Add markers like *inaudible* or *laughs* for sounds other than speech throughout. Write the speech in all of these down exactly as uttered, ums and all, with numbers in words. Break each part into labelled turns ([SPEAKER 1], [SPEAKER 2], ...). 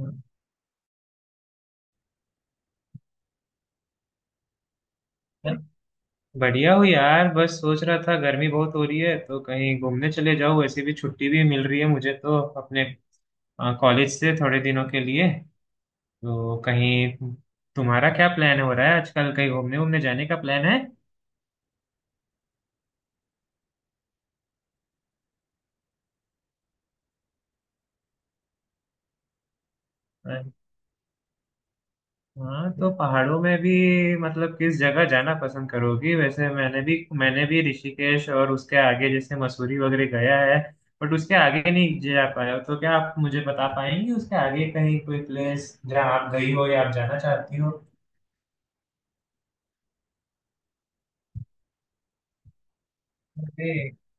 [SPEAKER 1] यार, बढ़िया हो यार। बस सोच रहा था गर्मी बहुत हो रही है तो कहीं घूमने चले जाओ। वैसे भी छुट्टी भी मिल रही है मुझे तो अपने कॉलेज से थोड़े दिनों के लिए। तो कहीं तुम्हारा क्या प्लान हो रहा है आजकल? कहीं घूमने घूमने जाने का प्लान है? हाँ, तो पहाड़ों में भी मतलब किस जगह जाना पसंद करोगी? वैसे मैंने भी मैंने भी ऋषिकेश और उसके आगे जैसे मसूरी वगैरह गया है। बट उसके आगे नहीं जा पाया। तो क्या आप मुझे बता पाएंगी उसके आगे कहीं कोई प्लेस जहाँ आप गई हो या आप जाना चाहती हो?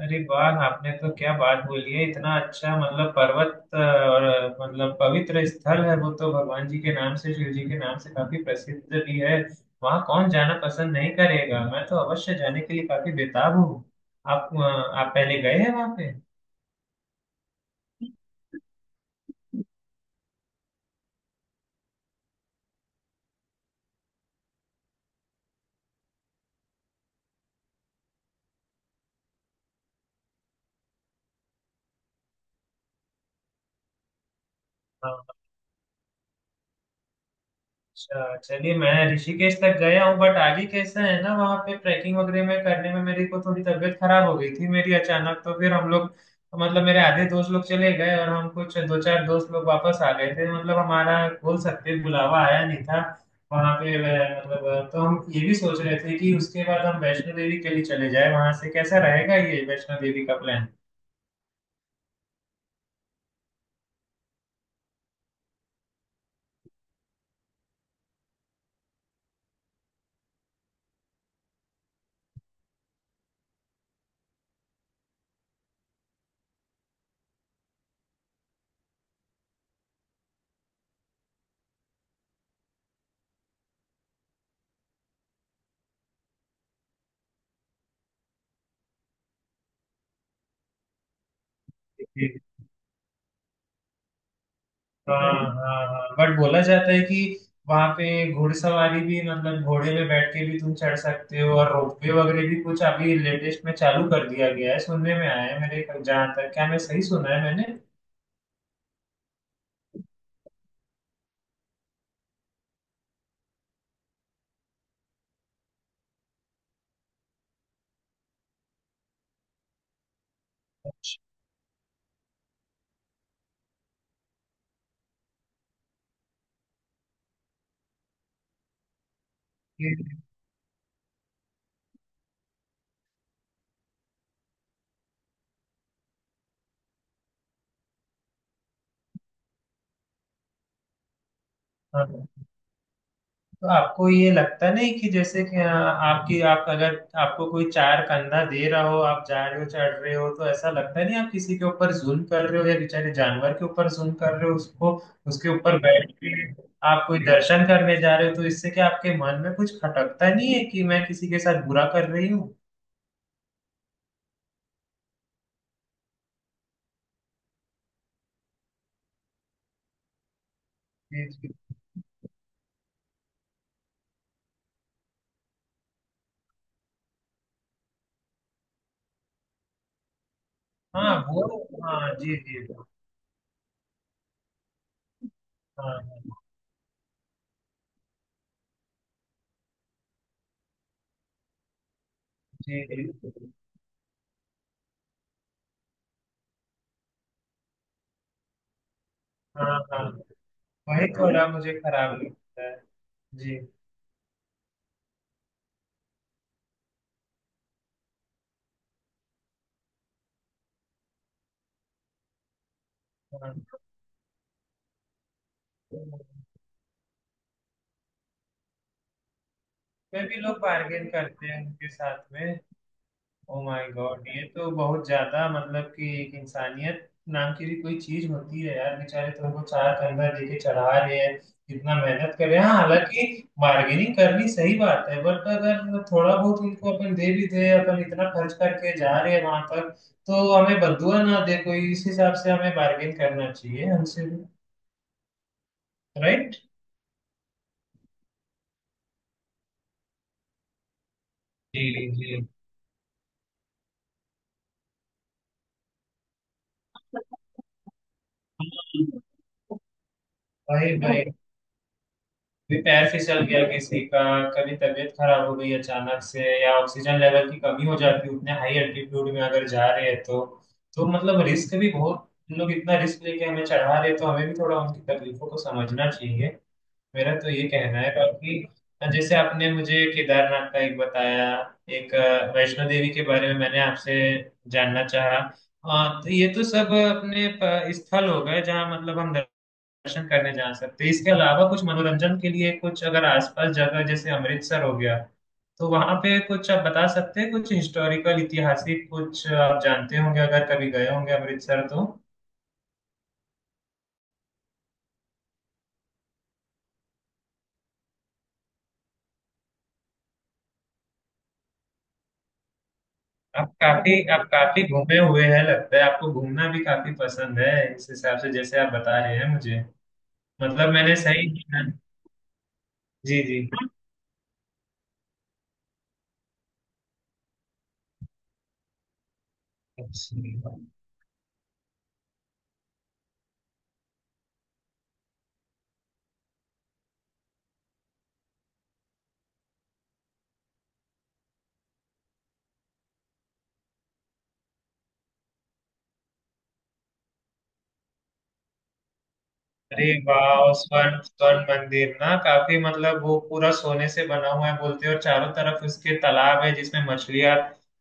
[SPEAKER 1] अरे वाह, आपने तो क्या बात बोली है! इतना अच्छा मतलब पर्वत अ, और अ, मतलब पवित्र स्थल है। वो तो भगवान जी के नाम से शिव जी के नाम से काफी प्रसिद्ध भी है। वहाँ कौन जाना पसंद नहीं करेगा? मैं तो अवश्य जाने के लिए काफी बेताब हूँ। आप अ, आप पहले गए हैं वहाँ पे? हाँ। अच्छा, चलिए। मैं ऋषिकेश तक गया हूँ बट आगे कैसा है ना वहाँ पे ट्रैकिंग वगैरह में करने में मेरी को थोड़ी तबीयत खराब हो गई थी मेरी अचानक। तो फिर हम लोग मतलब मेरे आधे दोस्त लोग चले गए और हम कुछ दो चार दोस्त लोग वापस आ गए थे। मतलब हमारा बोल सकते हैं, बुलावा आया नहीं था। वहाँ पे अ, मतलब अ, तो हम ये भी सोच रहे थे कि उसके बाद हम वैष्णो देवी के लिए चले जाए। वहां से कैसा रहेगा ये वैष्णो देवी का प्लान? हाँ हाँ हाँ। बट बोला जाता है कि वहां पे घुड़सवारी भी मतलब घोड़े पे बैठ के भी तुम चढ़ सकते हो और रोपवे वगैरह भी कुछ अभी लेटेस्ट में चालू कर दिया गया है सुनने में आया है मेरे जहाँ तक। क्या मैं सही सुना है मैंने? अच्छा। हाँ, तो आपको ये लगता नहीं कि जैसे कि आ, आपकी आप अगर आपको कोई चार कंधा दे रहा हो, आप जा रहे हो, चढ़ रहे हो, तो ऐसा लगता नहीं आप किसी के ऊपर जुल्म कर रहे हो या बेचारे जानवर के ऊपर जुल्म कर रहे हो उसको? उसके ऊपर बैठ के आप कोई दर्शन करने जा रहे हो तो इससे क्या आपके मन में कुछ खटकता नहीं है कि मैं किसी के साथ बुरा कर रही हूँ? जी जी। हाँ, वो। हाँ जी जी। हाँ जी जी। हाँ हाँ, वही थोड़ा मुझे खराब लगता है। जी। हाँ, फिर भी लोग बार्गेन करते हैं उनके साथ में? ओ माय गॉड, ये तो बहुत ज्यादा। मतलब कि एक इंसानियत नाम की भी कोई चीज होती है यार। बेचारे तुमको चार कंधा देके चढ़ा रहे हैं, इतना मेहनत कर रहे हैं। हाँ, हालांकि बार्गेनिंग करनी सही बात है बट अगर थोड़ा बहुत उनको अपन दे भी दे, अपन इतना खर्च करके जा रहे हैं वहां तक तो हमें बदुआ ना दे कोई। इस हिसाब से हमें बार्गेन करना चाहिए हमसे भी। राइट। जी जी। भाई भाई, भी पैर फिसल गया किसी का, कभी तबीयत खराब हो गई अचानक से या ऑक्सीजन लेवल की कमी हो जाती है उतने हाई एल्टीट्यूड में अगर जा रहे हैं तो तो मतलब रिस्क भी बहुत। लोग इतना रिस्क लेके हमें चढ़ा रहे हैं तो हमें भी थोड़ा उनकी तकलीफों को समझना चाहिए। मेरा तो ये कहना है बाकी। जैसे आपने मुझे केदारनाथ का एक बताया, एक अ, वैष्णो देवी के बारे में मैंने आपसे जानना चाहा। अ, तो ये तो सब अपने प- स्थल हो गए जहाँ मतलब हम दर्शन करने जा सकते हैं। इसके अलावा कुछ मनोरंजन के लिए कुछ अगर आसपास जगह जैसे अमृतसर हो गया तो वहां पे कुछ आप बता सकते हैं कुछ हिस्टोरिकल, ऐतिहासिक कुछ आप जानते होंगे अगर कभी गए होंगे अमृतसर तो। आप काफी आप काफी घूमे हुए हैं लगता है। आपको घूमना भी काफी पसंद है इस हिसाब से जैसे आप बता रहे हैं मुझे। मतलब मैंने सही। जी जी। अच्छा। अरे वाह! स्वर्ण स्वर्ण मंदिर ना, काफी मतलब वो पूरा सोने से बना हुआ है बोलते हैं। और चारों तरफ उसके तालाब है जिसमें मछलियां,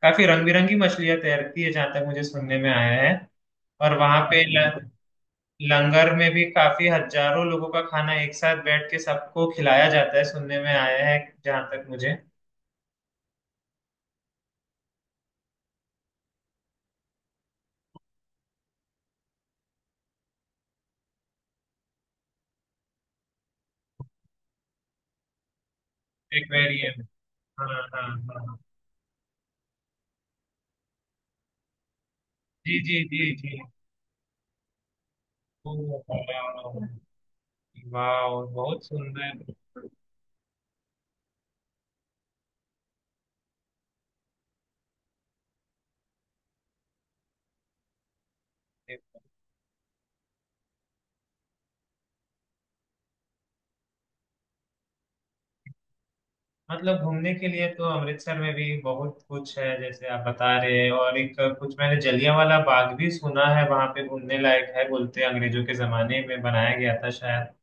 [SPEAKER 1] काफी रंग बिरंगी मछलियां तैरती है जहां तक मुझे सुनने में आया है। और वहां पे ल, लंगर में भी काफी हजारों लोगों का खाना एक साथ बैठ के सबको खिलाया जाता है सुनने में आया है जहां तक मुझे। एक्वेरियम। हाँ हाँ हाँ हाँ। जी जी जी जी। ओ, वाह वाह, बहुत सुंदर। मतलब घूमने के लिए तो अमृतसर में भी बहुत कुछ है जैसे आप बता रहे हैं। और एक कुछ मैंने जलियांवाला बाग भी सुना है वहां पे घूमने लायक है बोलते हैं, अंग्रेजों के जमाने में बनाया गया था शायद।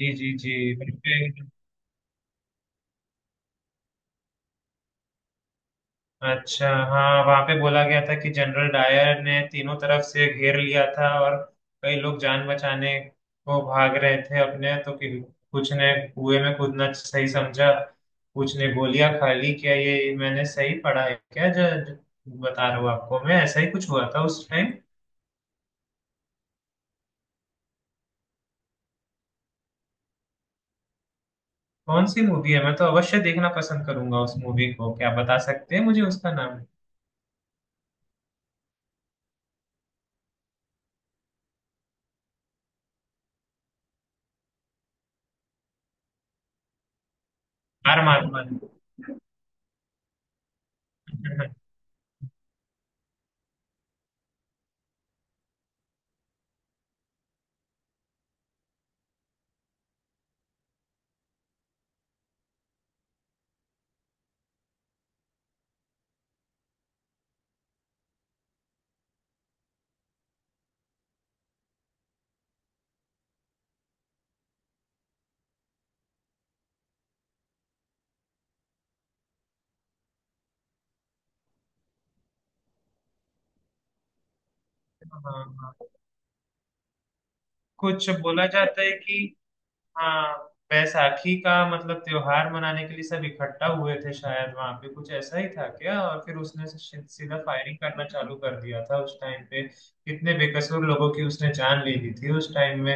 [SPEAKER 1] जी जी जी। अच्छा, हाँ, वहां पे बोला गया था कि जनरल डायर ने तीनों तरफ से घेर लिया था और कई लोग जान बचाने को भाग रहे थे अपने। तो कि कुछ ने कुएं में कूदना सही समझा, कुछ ने गोलियां खा ली। क्या ये मैंने सही पढ़ा है क्या, जो जो बता रहा हूँ आपको मैं? ऐसा ही कुछ हुआ था उस टाइम? कौन सी मूवी है? मैं तो अवश्य देखना पसंद करूंगा उस मूवी को। क्या आप बता सकते हैं मुझे उसका नाम? आर माधवन। *laughs* हाँ हाँ। कुछ बोला जाता है कि, हाँ, वैसाखी का मतलब त्योहार मनाने के लिए सब इकट्ठा हुए थे शायद वहां पे, कुछ ऐसा ही था क्या? और फिर उसने सी- सीधा फायरिंग करना चालू कर दिया था उस टाइम पे। कितने बेकसूर लोगों की उसने जान ले ली थी उस टाइम में।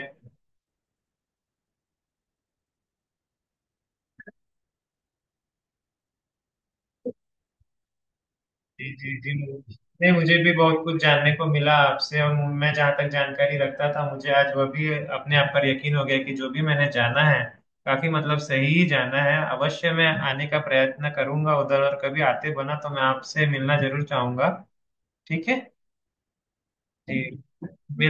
[SPEAKER 1] जी जी जी। नहीं, मुझे भी बहुत कुछ जानने को मिला आपसे। और मैं जहाँ तक जानकारी रखता था, मुझे आज वह भी अपने आप पर यकीन हो गया कि जो भी मैंने जाना है काफी मतलब सही ही जाना है। अवश्य मैं आने का प्रयत्न करूंगा उधर और कभी आते बना तो मैं आपसे मिलना जरूर चाहूंगा। ठीक है। जी।